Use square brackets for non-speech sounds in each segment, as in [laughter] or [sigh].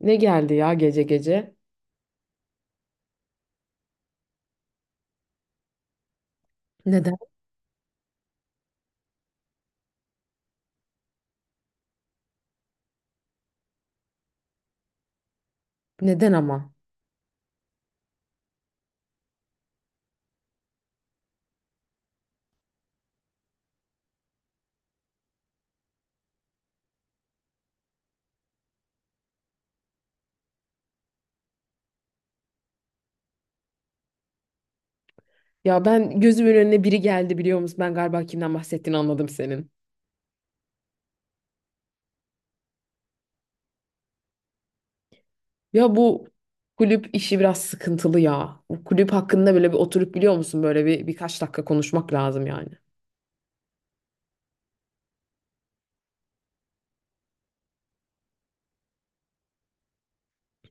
Ne geldi ya gece gece? Neden? Neden ama? Ya ben gözümün önüne biri geldi biliyor musun? Ben galiba kimden bahsettiğini anladım senin. Ya bu kulüp işi biraz sıkıntılı ya. Bu kulüp hakkında böyle bir oturup biliyor musun? Böyle bir birkaç dakika konuşmak lazım yani.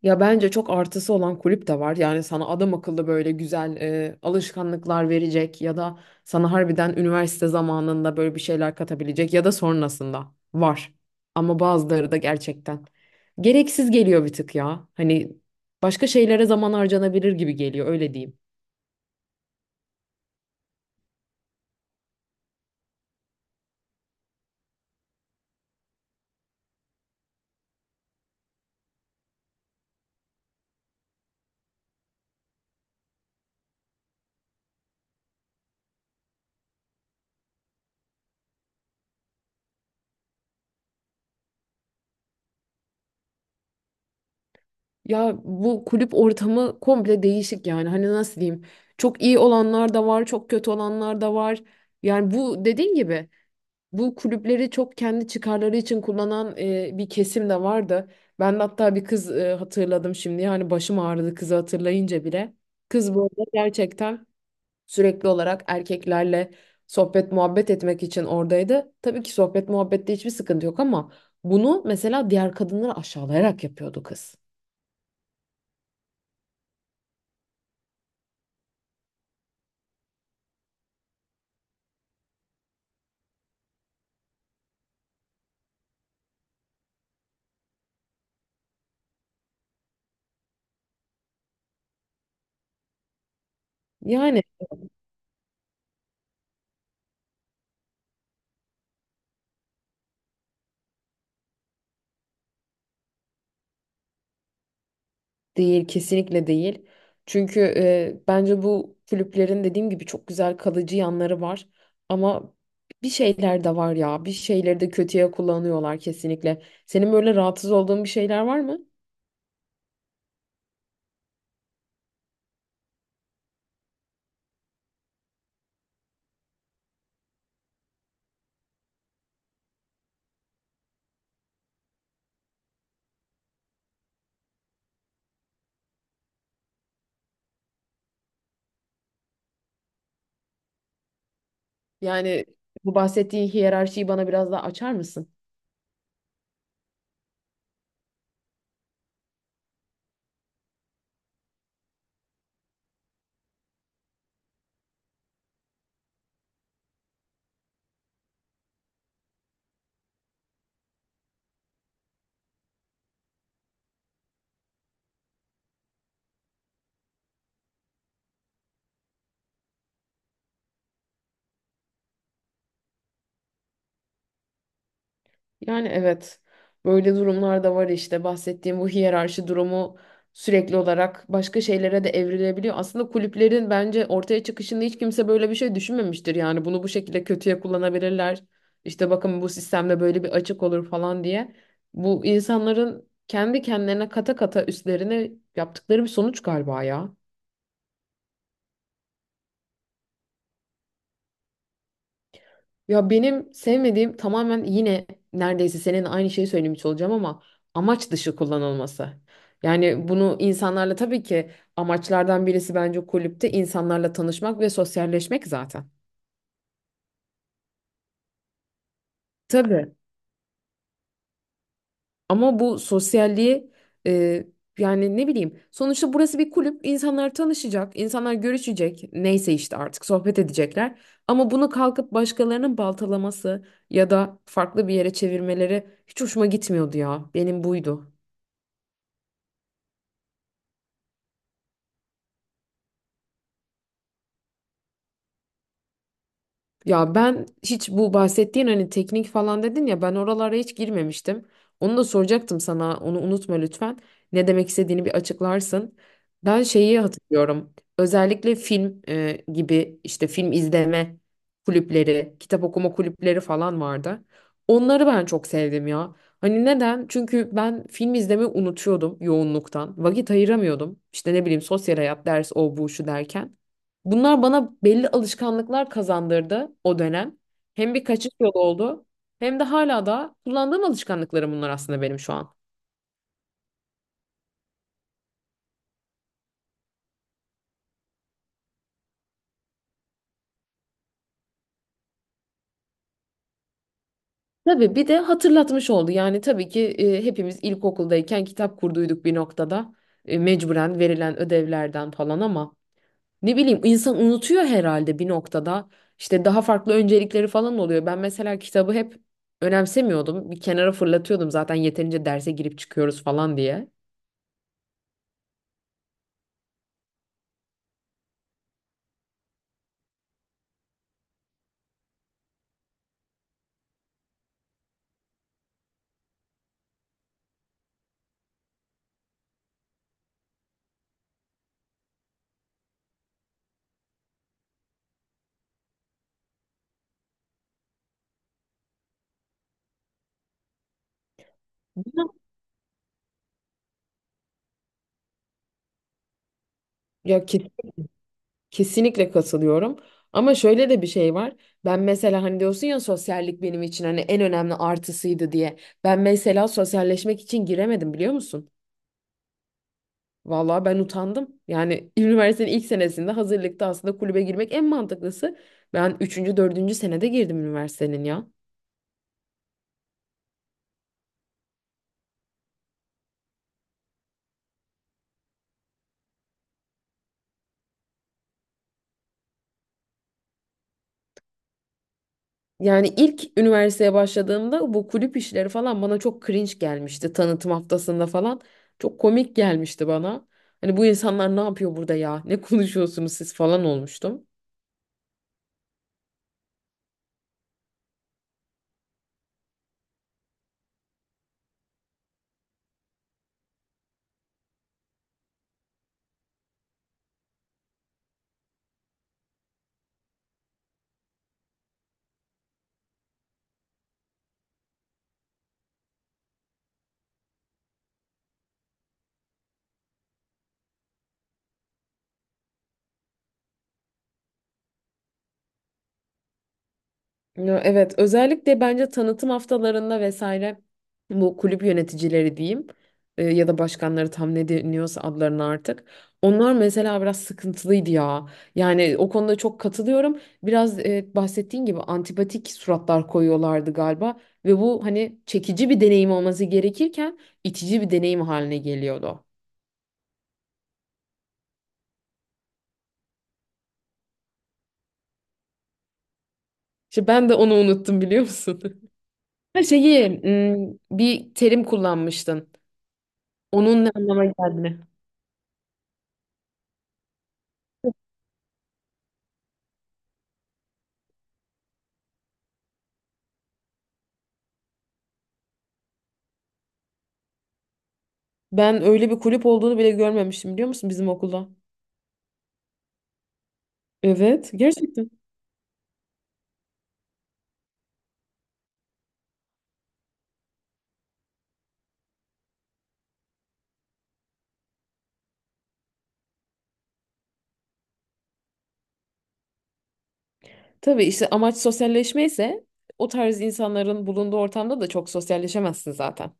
Ya bence çok artısı olan kulüp de var. Yani sana adam akıllı böyle güzel alışkanlıklar verecek ya da sana harbiden üniversite zamanında böyle bir şeyler katabilecek ya da sonrasında var. Ama bazıları da gerçekten gereksiz geliyor bir tık ya. Hani başka şeylere zaman harcanabilir gibi geliyor öyle diyeyim. Ya bu kulüp ortamı komple değişik yani. Hani nasıl diyeyim? Çok iyi olanlar da var, çok kötü olanlar da var. Yani bu dediğin gibi bu kulüpleri çok kendi çıkarları için kullanan bir kesim de vardı. Ben de hatta bir kız hatırladım şimdi. Yani başım ağrıdı kızı hatırlayınca bile. Kız bu arada gerçekten sürekli olarak erkeklerle sohbet muhabbet etmek için oradaydı. Tabii ki sohbet muhabbette hiçbir sıkıntı yok ama bunu mesela diğer kadınları aşağılayarak yapıyordu kız. Yani değil, kesinlikle değil. Çünkü bence bu kulüplerin dediğim gibi çok güzel kalıcı yanları var. Ama bir şeyler de var ya, bir şeyleri de kötüye kullanıyorlar kesinlikle. Senin böyle rahatsız olduğun bir şeyler var mı? Yani bu bahsettiğin hiyerarşiyi bana biraz daha açar mısın? Yani evet, böyle durumlar da var işte bahsettiğim bu hiyerarşi durumu sürekli olarak başka şeylere de evrilebiliyor. Aslında kulüplerin bence ortaya çıkışında hiç kimse böyle bir şey düşünmemiştir. Yani bunu bu şekilde kötüye kullanabilirler. İşte bakın bu sistemde böyle bir açık olur falan diye. Bu insanların kendi kendilerine kata kata üstlerine yaptıkları bir sonuç galiba ya. Ya benim sevmediğim tamamen yine neredeyse senin aynı şeyi söylemiş olacağım ama amaç dışı kullanılması. Yani bunu insanlarla tabii ki amaçlardan birisi bence kulüpte insanlarla tanışmak ve sosyalleşmek zaten. Tabii. Ama bu sosyalliği e, yani ne bileyim sonuçta burası bir kulüp insanlar tanışacak, insanlar görüşecek neyse işte artık sohbet edecekler. Ama bunu kalkıp başkalarının baltalaması ya da farklı bir yere çevirmeleri hiç hoşuma gitmiyordu ya. Benim buydu. Ya ben hiç bu bahsettiğin hani teknik falan dedin ya ben oralara hiç girmemiştim. Onu da soracaktım sana, onu unutma lütfen. Ne demek istediğini bir açıklarsın. Ben şeyi hatırlıyorum. Özellikle film gibi işte film izleme kulüpleri, kitap okuma kulüpleri falan vardı. Onları ben çok sevdim ya. Hani neden? Çünkü ben film izlemeyi unutuyordum yoğunluktan. Vakit ayıramıyordum. İşte ne bileyim sosyal hayat, ders, o bu şu derken. Bunlar bana belli alışkanlıklar kazandırdı o dönem. Hem bir kaçış yolu oldu hem de hala da kullandığım alışkanlıklarım bunlar aslında benim şu an. Tabii bir de hatırlatmış oldu. Yani tabii ki hepimiz ilkokuldayken kitap kurduyduk bir noktada. Mecburen verilen ödevlerden falan ama ne bileyim insan unutuyor herhalde bir noktada. İşte daha farklı öncelikleri falan oluyor. Ben mesela kitabı hep önemsemiyordum. Bir kenara fırlatıyordum zaten yeterince derse girip çıkıyoruz falan diye. Ya ya, kesinlikle katılıyorum. Ama şöyle de bir şey var. Ben mesela hani diyorsun ya sosyallik benim için hani en önemli artısıydı diye. Ben mesela sosyalleşmek için giremedim biliyor musun? Vallahi ben utandım. Yani [laughs] üniversitenin ilk senesinde hazırlıkta aslında kulübe girmek en mantıklısı. Ben üçüncü dördüncü senede girdim üniversitenin ya. Yani ilk üniversiteye başladığımda bu kulüp işleri falan bana çok cringe gelmişti. Tanıtım haftasında falan çok komik gelmişti bana. Hani bu insanlar ne yapıyor burada ya? Ne konuşuyorsunuz siz falan olmuştum. Ya evet, özellikle bence tanıtım haftalarında vesaire bu kulüp yöneticileri diyeyim ya da başkanları tam ne deniyorsa adlarına artık. Onlar mesela biraz sıkıntılıydı ya. Yani o konuda çok katılıyorum. Biraz bahsettiğin gibi antipatik suratlar koyuyorlardı galiba ve bu hani çekici bir deneyim olması gerekirken itici bir deneyim haline geliyordu. İşte ben de onu unuttum biliyor musun? [laughs] Her şeyi bir terim kullanmıştın. Onun ne anlama geldiğini. Ben öyle bir kulüp olduğunu bile görmemiştim biliyor musun bizim okulda? Evet, gerçekten. Tabii işte amaç sosyalleşme ise o tarz insanların bulunduğu ortamda da çok sosyalleşemezsin zaten.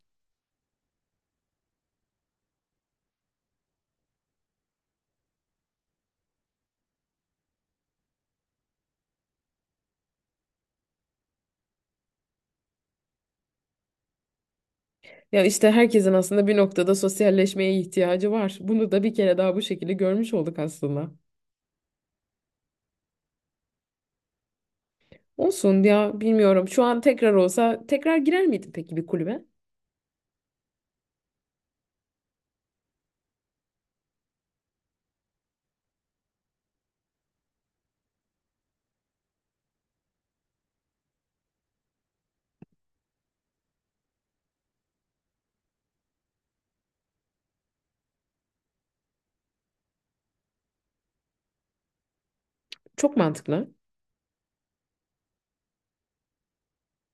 Ya işte herkesin aslında bir noktada sosyalleşmeye ihtiyacı var. Bunu da bir kere daha bu şekilde görmüş olduk aslında. Olsun ya, bilmiyorum. Şu an tekrar olsa tekrar girer miydin peki bir kulübe? Çok mantıklı.